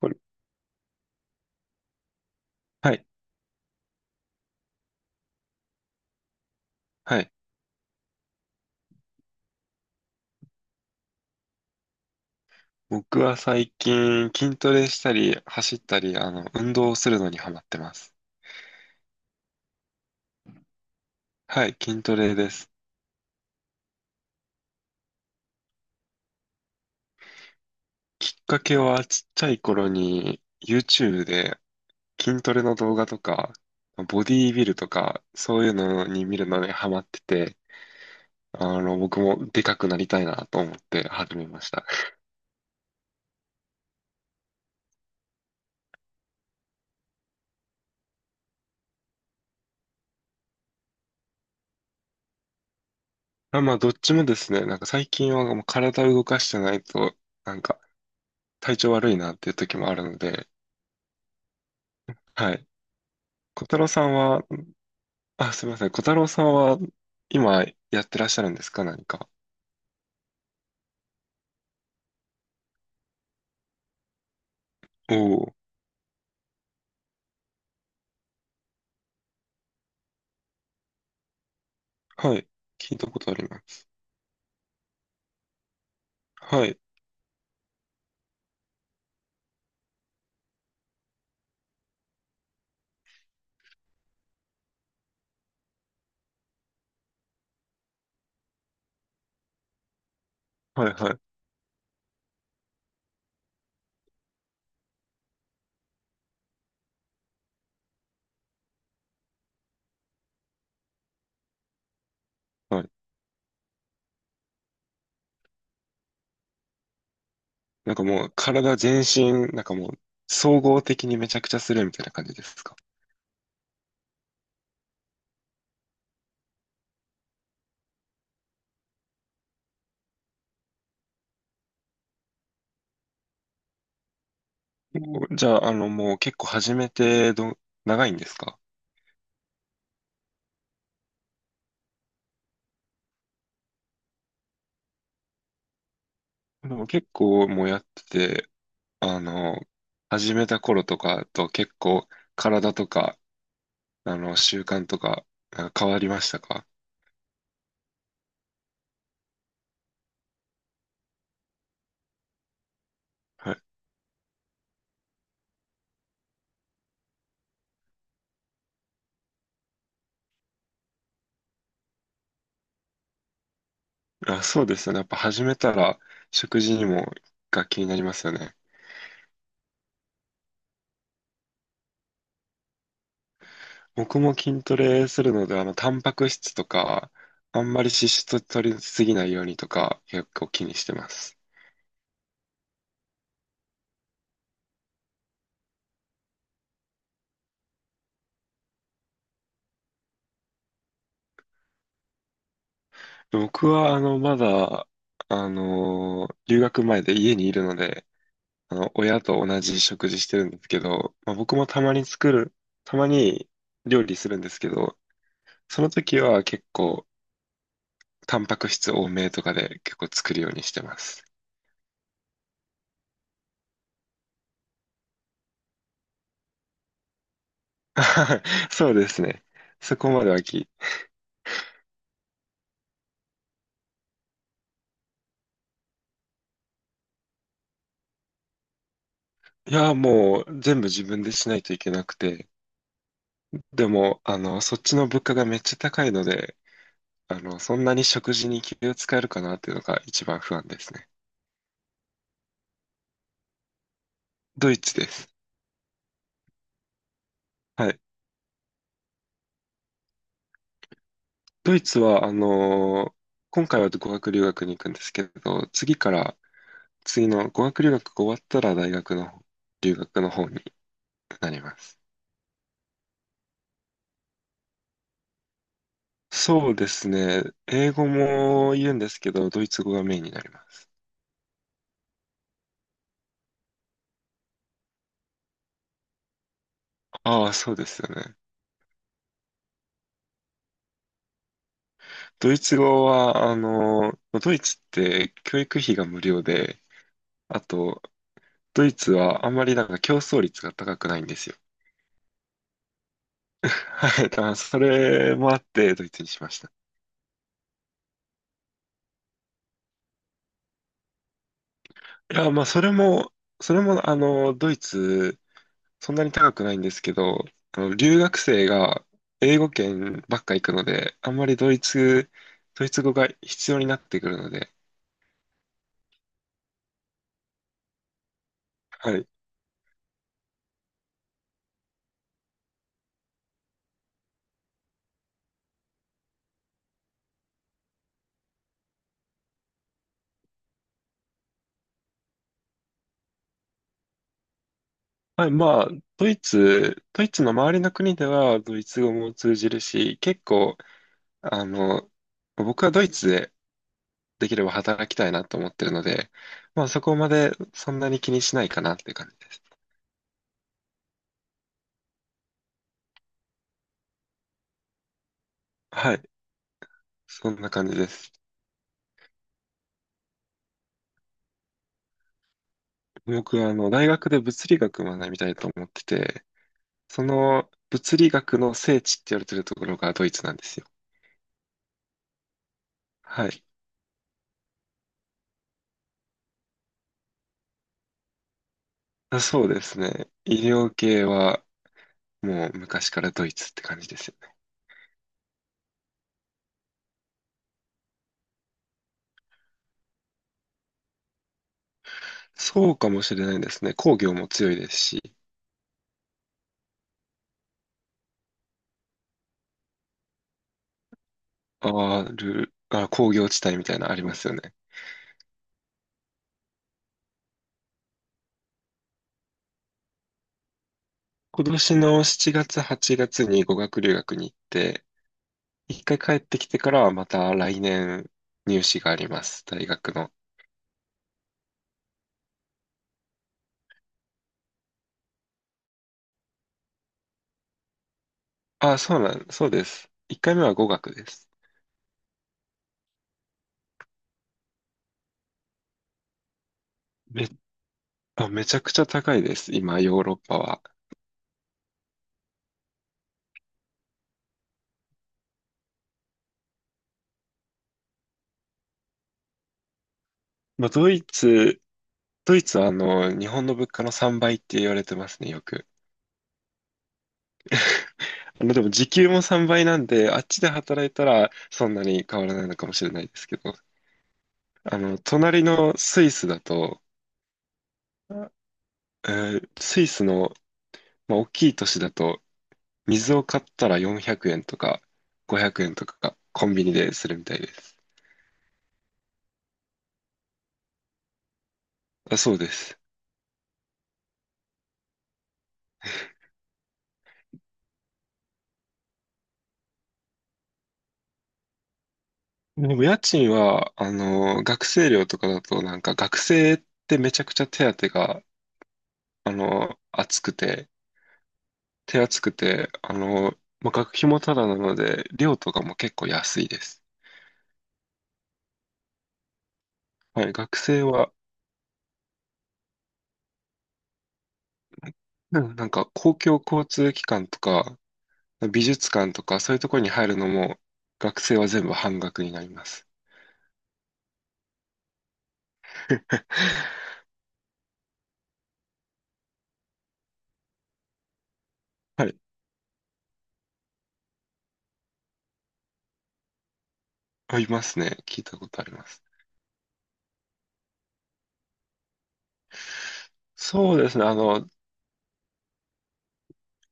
これはい、はい。僕は最近筋トレしたり、走ったり、運動をするのにハマってます。はい、筋トレです。きっかけはちっちゃい頃に YouTube で筋トレの動画とか、ボディービルとか、そういうのに見るのにハマってて、僕もでかくなりたいなと思って始めました。あ、まあ、どっちもですね、なんか最近はもう体を動かしてないと、なんか体調悪いなっていう時もあるので。はい。小太郎さんはあ、すみません。小太郎さんは今やってらっしゃるんですか、何か？おお、はい。聞いたことあります。はい。はいはい。はい。なんかもう体全身、なんかもう総合的にめちゃくちゃするみたいな感じですか？もうじゃあ、もう結構始めてど、長いんですか？でも結構もうやってて、あの、始めた頃とかと結構体とか、あの習慣とか、なんか変わりましたか？あ、そうですよね。やっぱ始めたら食事にもが気になりますよね。僕も筋トレするので、タンパク質とか、あんまり脂質取りすぎないようにとか、結構気にしてます。僕は、まだ、留学前で家にいるので、親と同じ食事してるんですけど、まあ、僕もたまに料理するんですけど、その時は結構、タンパク質多めとかで結構作るようにしてます。そうですね。そこまではき、いや、もう全部自分でしないといけなくて、でも、そっちの物価がめっちゃ高いので、そんなに食事に気を使えるかなっていうのが一番不安ですね。ドイツです。はい。ドイツは、今回は語学留学に行くんですけど、次から、次の語学留学が終わったら大学の留学の方になります。そうですね。英語も言うんですけど、ドイツ語がメインになります。ああ、そうですよね。ドイツ語は、あの、ドイツって教育費が無料で、あと、ドイツはあんまりなんか競争率が高くないんですよ。はい、だからそれもあってドイツにしました。いや、まあ、それも、ドイツ、そんなに高くないんですけど、留学生が英語圏ばっか行くので、あんまりドイツ語が必要になってくるので、はいはい、まあ、ドイツの周りの国ではドイツ語も通じるし、結構、あの、僕はドイツでできれば働きたいなと思ってるので、まあそこまでそんなに気にしないかなっていう感じです。はい、そんな感じです。僕はあの、大学で物理学を学びたいと思ってて、その物理学の聖地って言われてるところがドイツなんですよ。はい。あ、そうですね。医療系はもう昔からドイツって感じですよ。そうかもしれないですね。工業も強いですし、あるあ、工業地帯みたいなのありますよね。今年の7月、8月に語学留学に行って、一回帰ってきてからはまた来年入試があります、大学の。あ、そうなん、そうです。一回目は語学です。め、めちゃくちゃ高いです、今、ヨーロッパは。まあ、ドイツはあの、日本の物価の3倍って言われてますね、よく。まあでも時給も3倍なんで、あっちで働いたらそんなに変わらないのかもしれないですけど、隣のスイスだと、えスイスの、まあ、大きい都市だと、水を買ったら400円とか500円とかコンビニでするみたいです。あ、そうです。でも家賃は、学生寮とかだと、なんか学生ってめちゃくちゃ手当が、あの、厚くて、手厚くて、まあ学費もただなので、寮とかも結構安いです。はい、学生は、うんなんか公共交通機関とか、美術館とか、そういうところに入るのも、学生は全部半額になります。はい、ありますね。聞いたことあります。そうですね。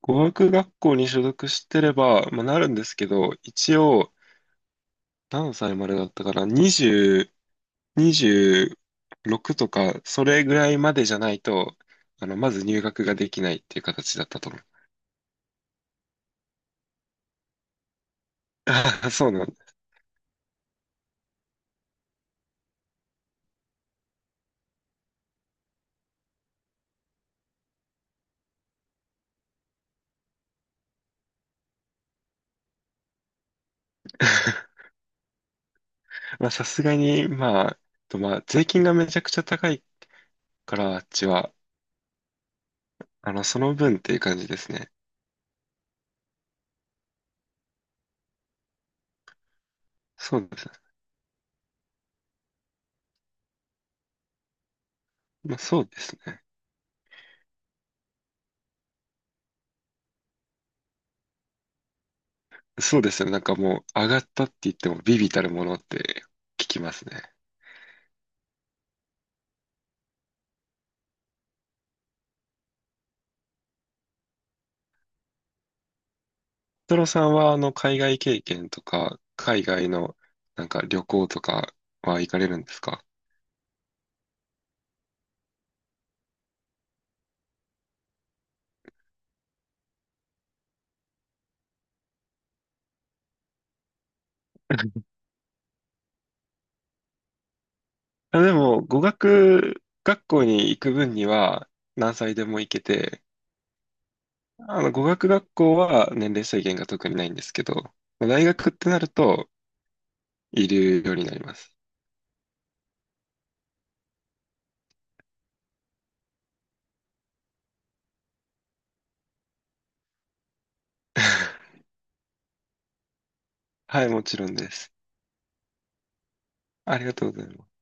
語学学校に所属してれば、まあ、なるんですけど、一応、何歳までだったかな、20、26とか、それぐらいまでじゃないと、まず入学ができないっていう形だったと思う。あ、そうなんだ。まあ、さすがに、まあ、とまあ、税金がめちゃくちゃ高いから、あっちは、その分っていう感じですね。そうです。まあ、そうですね。そうですよ。なんかもう、上がったって言っても、微々たるものって聞きますね。トロさんは、海外経験とか、海外の、なんか旅行とかは行かれるんですか？あ、でも、語学学校に行く分には、何歳でも行けて、語学学校は年齢制限が特にないんですけど、まあ大学ってなると、いるようになります。はい、もちろんです。ありがとうございます。